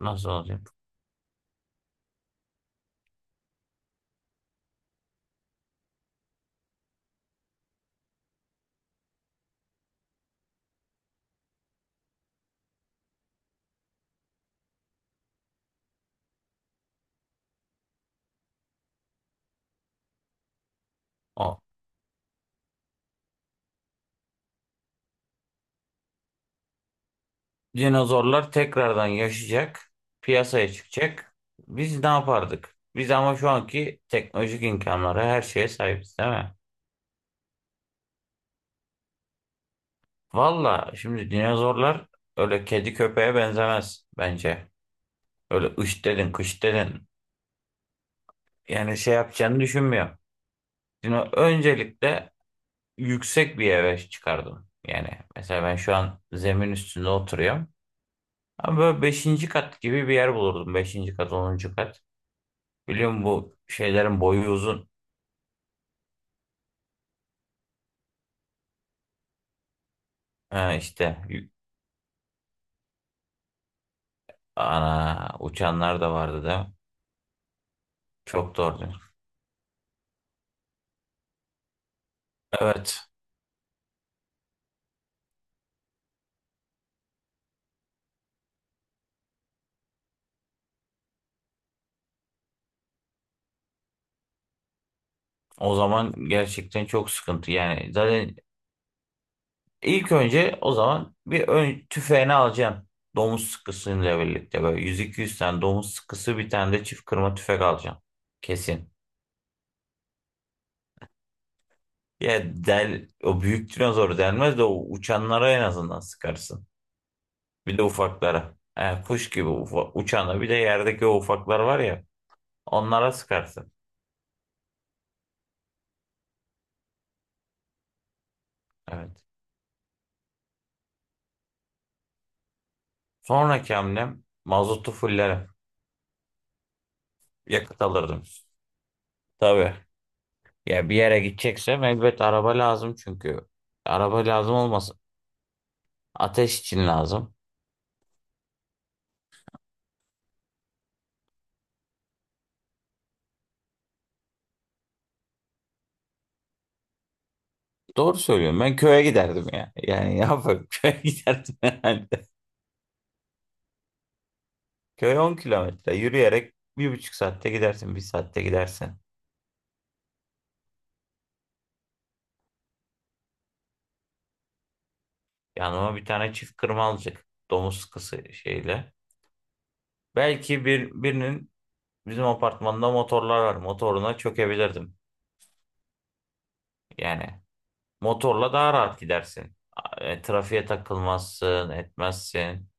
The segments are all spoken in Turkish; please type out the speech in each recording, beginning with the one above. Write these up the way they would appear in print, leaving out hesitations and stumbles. Nasıl olacak? O dinozorlar tekrardan yaşayacak, piyasaya çıkacak. Biz ne yapardık? Biz ama şu anki teknolojik imkanlara her şeye sahibiz, değil mi? Valla şimdi dinozorlar öyle kedi köpeğe benzemez bence. Öyle ış dedin, kış dedin. Yani şey yapacağını düşünmüyorum. Dino öncelikle yüksek bir eve çıkardım. Yani mesela ben şu an zemin üstünde oturuyorum. Ama böyle beşinci kat gibi bir yer bulurdum. Beşinci kat, 10. kat. Biliyor musun bu şeylerin boyu uzun. Ha işte ana uçanlar da vardı da. Çok doğru. Evet. O zaman gerçekten çok sıkıntı. Yani zaten ilk önce o zaman bir ön tüfeğini alacaksın. Domuz sıkısıyla birlikte böyle 100-200 tane domuz sıkısı, bir tane de çift kırma tüfek alacaksın. Kesin. Ya del, o büyük dinozoru delmez de o uçanlara en azından sıkarsın. Bir de ufaklara. E, kuş gibi uçana, bir de yerdeki o ufaklar var ya. Onlara sıkarsın. Evet. Sonraki hamlem mazotu fullerim. Yakıt alırdım. Tabii. Ya bir yere gideceksem elbet araba lazım çünkü. Araba lazım olmasın. Ateş için lazım. Doğru söylüyorum. Ben köye giderdim ya. Yani ne yapayım? Köye giderdim herhalde. Köy 10 km. Yürüyerek 1,5 saatte gidersin. Bir saatte gidersin. Yanıma bir tane çift kırma alacak. Domuz sıkısı şeyle. Belki birinin bizim apartmanda motorlar var. Motoruna çökebilirdim. Yani motorla daha rahat gidersin. Trafiğe takılmazsın, etmezsin.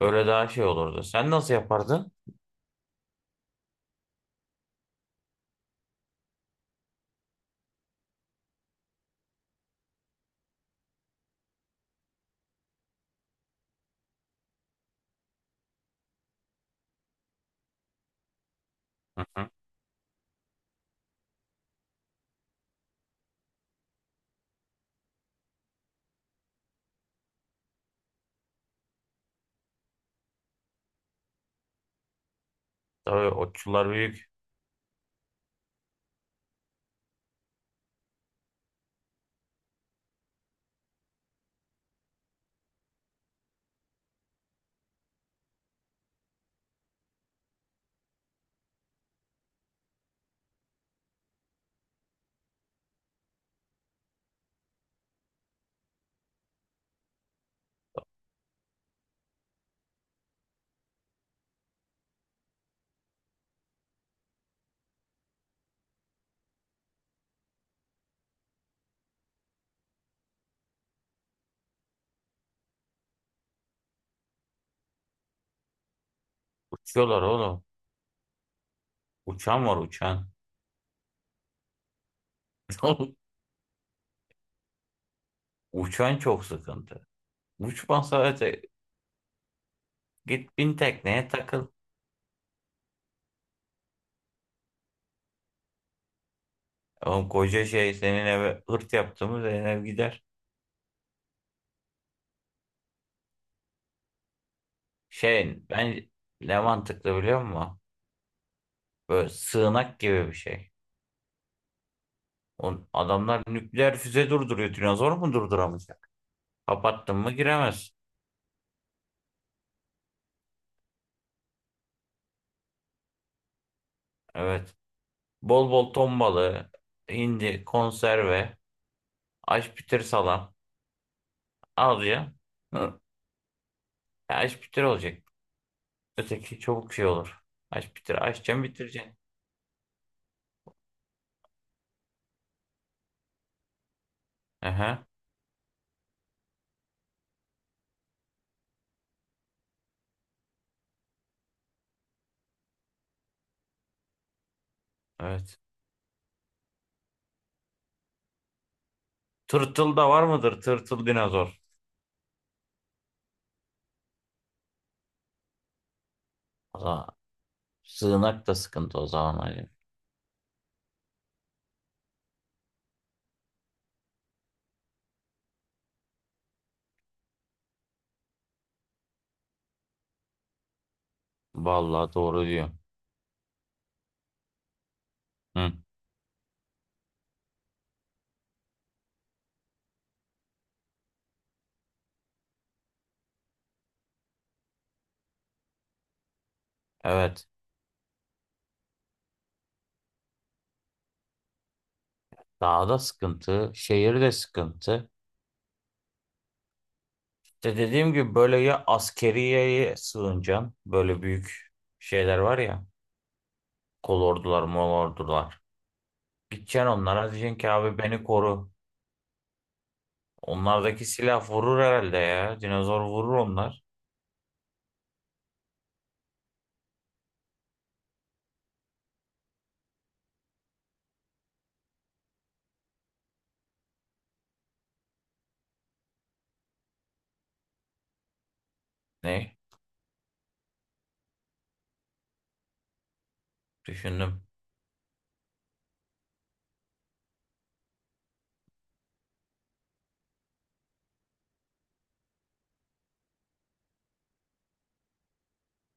Öyle daha şey olurdu. Sen nasıl yapardın? Hı hı. Tabii otçular büyük. Uçuyorlar oğlum. Uçan var, uçan. Uçan çok sıkıntı. Uçma, sadece git, bin tekneye takıl. Oğlum koca şey, senin eve hırt yaptığımız ev gider. Şey ben, ne mantıklı biliyor musun? Böyle sığınak gibi bir şey. O adamlar nükleer füze durduruyor. Dinozor mu durduramayacak? Kapattın mı giremez. Evet. Bol bol ton balığı, hindi, konserve, aşpitir salam. Al ya. Hı. Ya, aşpitir olacak. Öteki çabuk şey olur. Aşpitir, açacaksın bitireceksin. Aha, evet. Tırtıl da var mıdır? Tırtıl dinozor. Valla sığınak da sıkıntı o zaman Ali. Vallahi doğru diyor. Hı. Evet. Dağda sıkıntı, şehirde sıkıntı. İşte dediğim gibi böyle, ya askeriyeye sığınacaksın. Böyle büyük şeyler var ya. Kolordular, molordular. Gideceksin onlara diyeceksin ki abi beni koru. Onlardaki silah vurur herhalde ya. Dinozor vurur onlar. Ne? Düşündüm.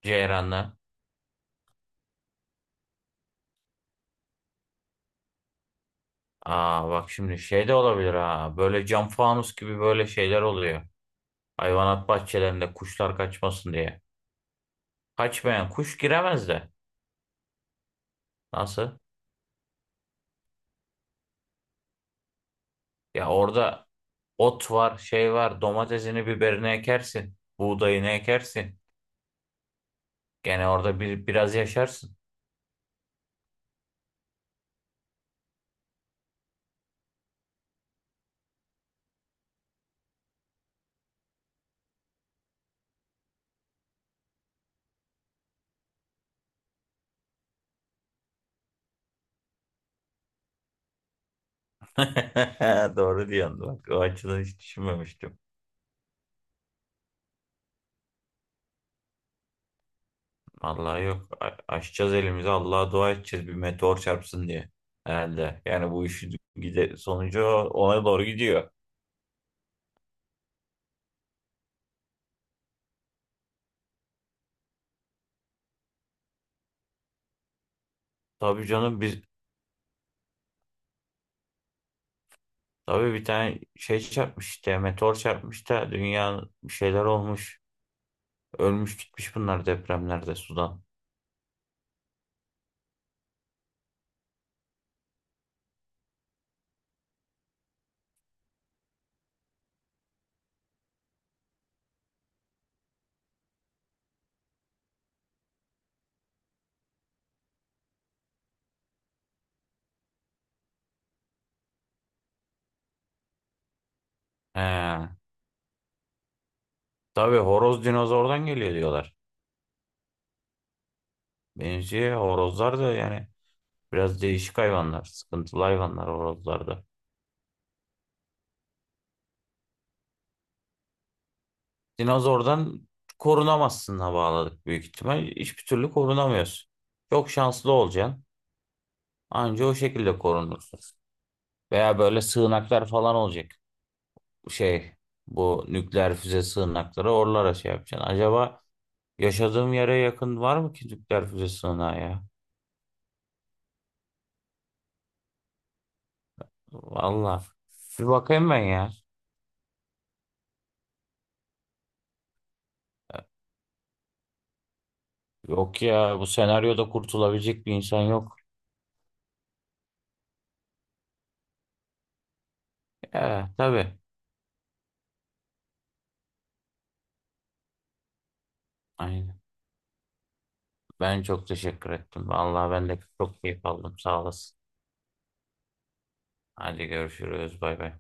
Ceyran'la. Aa, bak şimdi şey de olabilir ha. Böyle cam fanus gibi böyle şeyler oluyor. Hayvanat bahçelerinde kuşlar kaçmasın diye. Kaçmayan kuş giremez de. Nasıl? Ya orada ot var, şey var. Domatesini, biberini ekersin. Buğdayını ekersin. Gene orada biraz yaşarsın. Doğru diyorsun. Bak, o açıdan hiç düşünmemiştim. Vallahi yok. Açacağız elimizi. Allah'a dua edeceğiz bir meteor çarpsın diye. Herhalde. Yani bu işi sonucu ona doğru gidiyor. Tabii canım tabii bir tane şey çarpmış, işte meteor çarpmış da dünya bir şeyler olmuş. Ölmüş gitmiş bunlar depremlerde sudan. He. Tabii horoz dinozordan geliyor diyorlar. Benziyor horozlar da, yani biraz değişik hayvanlar. Sıkıntılı hayvanlar horozlar da. Dinozordan korunamazsın, bağladık büyük ihtimal. Hiçbir türlü korunamıyorsun. Çok şanslı olacaksın. Anca o şekilde korunursun. Veya böyle sığınaklar falan olacak. Şey, bu nükleer füze sığınakları, oralara şey yapacaksın. Acaba yaşadığım yere yakın var mı ki nükleer füze sığınağı ya? Valla. Bir bakayım ben ya. Yok ya, bu senaryoda kurtulabilecek bir insan yok. Ya tabii. Aynen. Ben çok teşekkür ettim. Vallahi ben de çok keyif aldım. Sağ olasın. Hadi görüşürüz. Bay bay.